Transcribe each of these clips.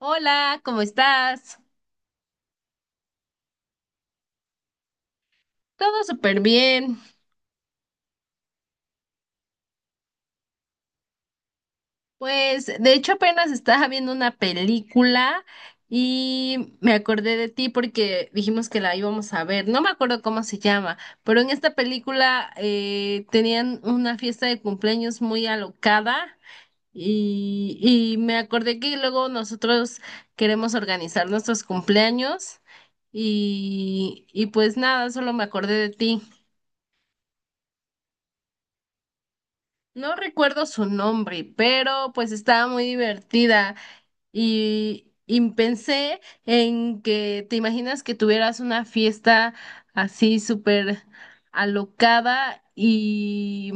Hola, ¿cómo estás? Todo súper bien. Pues de hecho apenas estaba viendo una película y me acordé de ti porque dijimos que la íbamos a ver. No me acuerdo cómo se llama, pero en esta película tenían una fiesta de cumpleaños muy alocada y, y me acordé que luego nosotros queremos organizar nuestros cumpleaños y pues nada, solo me acordé de ti. No recuerdo su nombre, pero pues estaba muy divertida y pensé en que te imaginas que tuvieras una fiesta así súper alocada y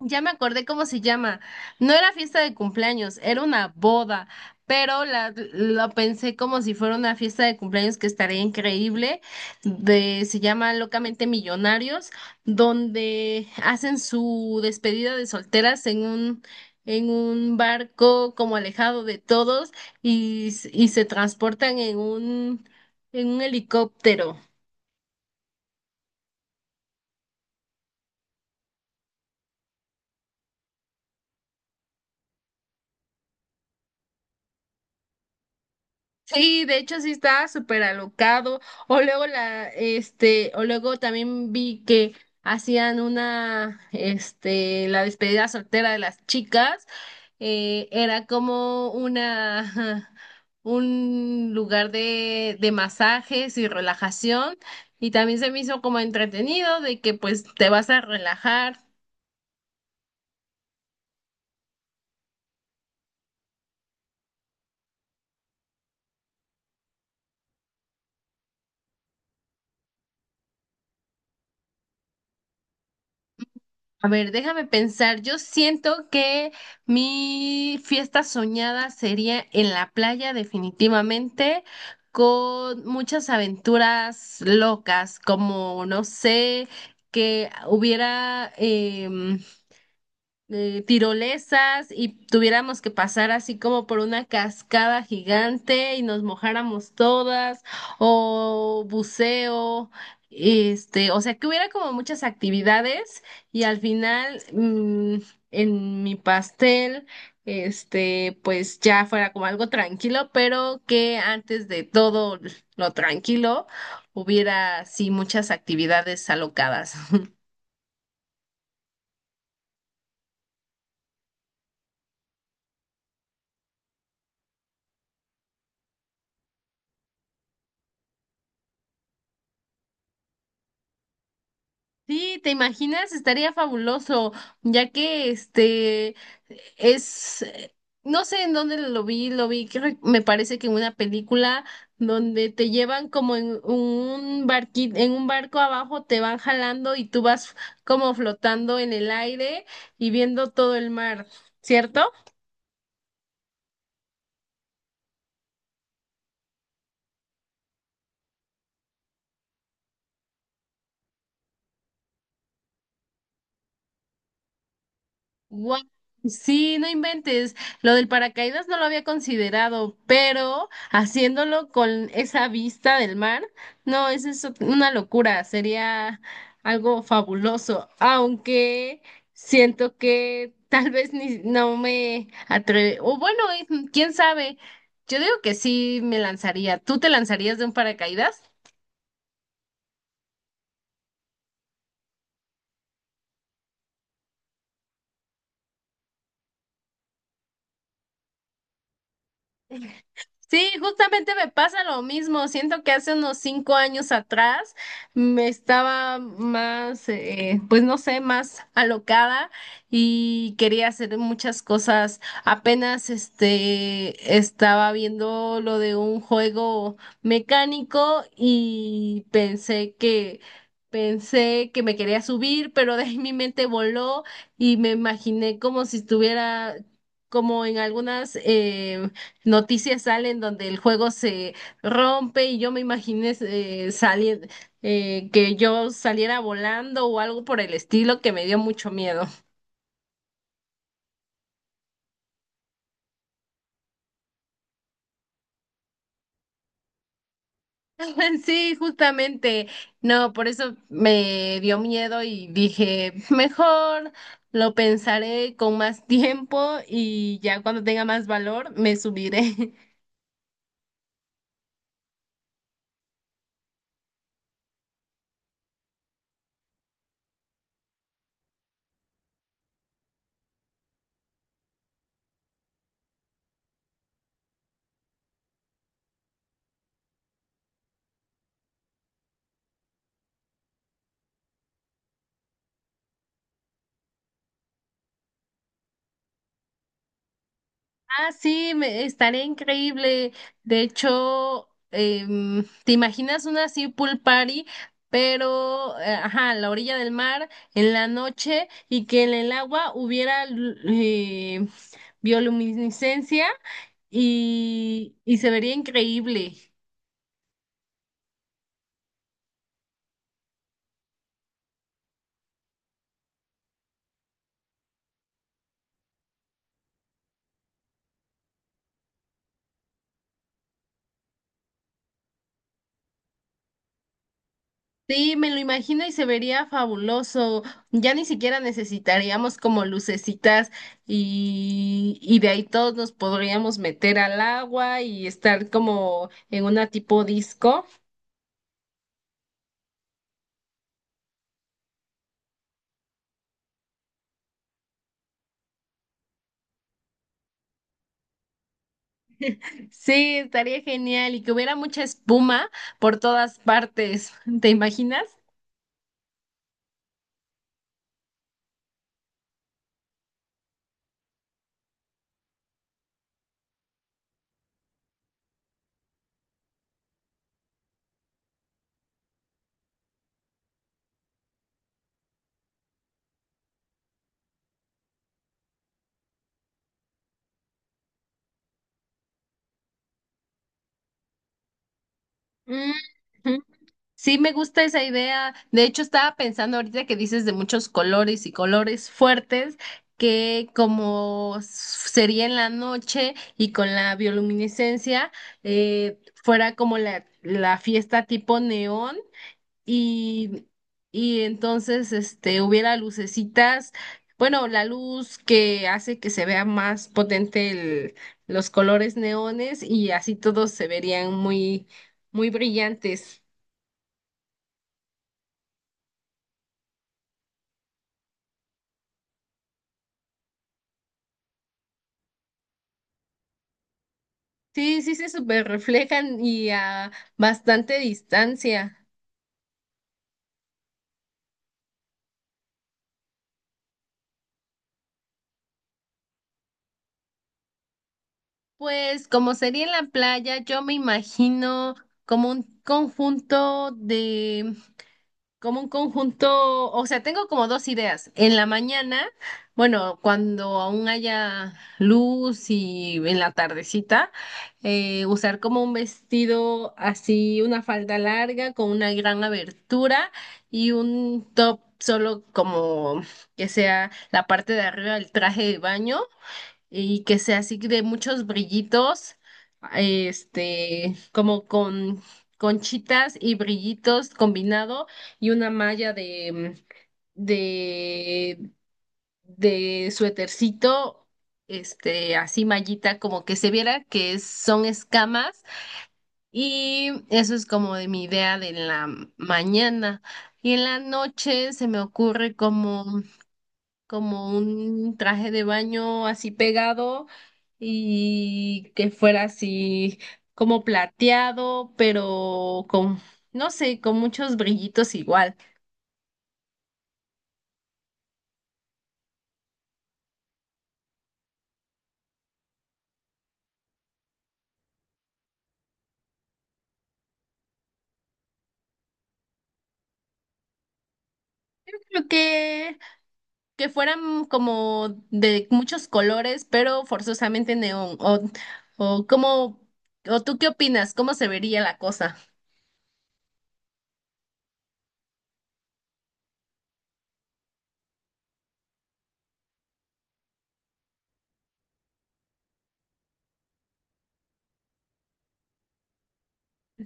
ya me acordé cómo se llama. No era fiesta de cumpleaños, era una boda, pero lo pensé como si fuera una fiesta de cumpleaños que estaría increíble. Se llama Locamente Millonarios, donde hacen su despedida de solteras en un barco como alejado de todos y se transportan en un helicóptero. Sí, de hecho sí estaba súper alocado. O luego también vi que hacían la despedida soltera de las chicas. Era como una, ajá, un lugar de masajes y relajación. Y también se me hizo como entretenido de que pues te vas a relajar. A ver, déjame pensar. Yo siento que mi fiesta soñada sería en la playa, definitivamente, con muchas aventuras locas, como, no sé, que hubiera, tirolesas y tuviéramos que pasar así como por una cascada gigante y nos mojáramos todas o buceo, este, o sea que hubiera como muchas actividades y al final en mi pastel, este, pues ya fuera como algo tranquilo, pero que antes de todo lo tranquilo hubiera sí muchas actividades alocadas. Sí, ¿te imaginas? Estaría fabuloso, ya que es, eh, no sé en dónde lo vi, creo, que me parece que en una película donde te llevan como en un barco abajo, te van jalando y tú vas como flotando en el aire y viendo todo el mar, ¿cierto? Guau. Sí, no inventes. Lo del paracaídas no lo había considerado, pero haciéndolo con esa vista del mar, no, eso es una locura. Sería algo fabuloso, aunque siento que tal vez ni no me atreve. O bueno, quién sabe. Yo digo que sí me lanzaría. ¿Tú te lanzarías de un paracaídas? Sí, justamente me pasa lo mismo. Siento que hace unos cinco años atrás me estaba más, pues no sé, más alocada y quería hacer muchas cosas. Apenas este estaba viendo lo de un juego mecánico y pensé que me quería subir, pero de ahí mi mente voló y me imaginé como si estuviera como en algunas noticias salen donde el juego se rompe y yo me imaginé salir, que yo saliera volando o algo por el estilo que me dio mucho miedo. Sí, justamente, no, por eso me dio miedo y dije, mejor lo pensaré con más tiempo y ya cuando tenga más valor me subiré. Ah, sí, me, estaría increíble. De hecho, ¿te imaginas una así pool party, pero, ajá, a la orilla del mar, en la noche, y que en el agua hubiera bioluminiscencia y se vería increíble? Sí, me lo imagino y se vería fabuloso. Ya ni siquiera necesitaríamos como lucecitas y de ahí todos nos podríamos meter al agua y estar como en una tipo disco. Sí, estaría genial y que hubiera mucha espuma por todas partes. ¿Te imaginas? Mm, sí, me gusta esa idea. De hecho, estaba pensando ahorita que dices de muchos colores y colores fuertes, que como sería en la noche y con la bioluminiscencia, fuera como la fiesta tipo neón y, y entonces este, hubiera lucecitas, bueno, la luz que hace que se vea más potente los colores neones y así todos se verían muy, muy brillantes. Sí, sí se super reflejan y a bastante distancia. Pues como sería en la playa, yo me imagino como un conjunto como un conjunto, o sea, tengo como dos ideas. En la mañana, bueno, cuando aún haya luz y en la tardecita, usar como un vestido así, una falda larga con una gran abertura y un top solo como que sea la parte de arriba del traje de baño y que sea así de muchos brillitos, este, como con conchitas y brillitos combinado y una malla de, de suétercito, este, así mallita, como que se viera que son escamas y eso es como de mi idea de la mañana. Y en la noche se me ocurre como como un traje de baño así pegado y que fuera así como plateado, pero con, no sé, con muchos brillitos igual. Creo que fueran como de muchos colores, pero forzosamente neón. O como, o tú qué opinas, ¿cómo se vería la cosa?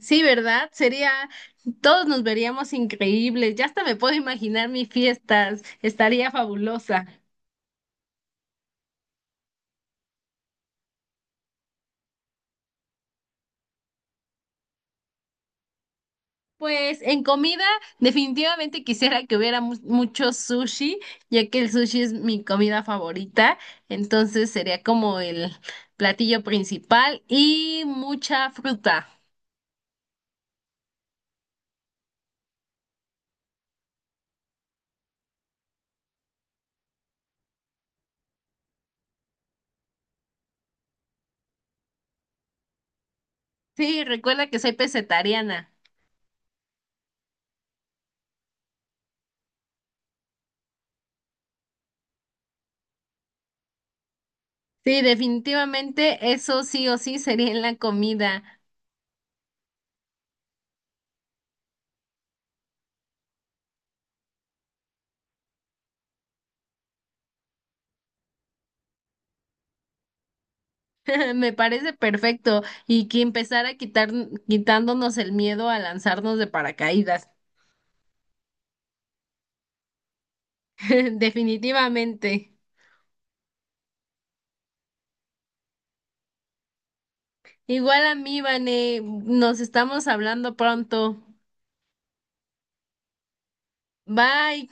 Sí, ¿verdad? Sería, todos nos veríamos increíbles. Ya hasta me puedo imaginar mis fiestas. Estaría fabulosa. Pues en comida definitivamente quisiera que hubiera mucho sushi, ya que el sushi es mi comida favorita, entonces sería como el platillo principal y mucha fruta. Sí, recuerda que soy pesetariana. Sí, definitivamente eso sí o sí sería en la comida. Me parece perfecto y que empezara a quitar quitándonos el miedo a lanzarnos de paracaídas. Definitivamente. Igual a mí, Vane, nos estamos hablando pronto. Bye.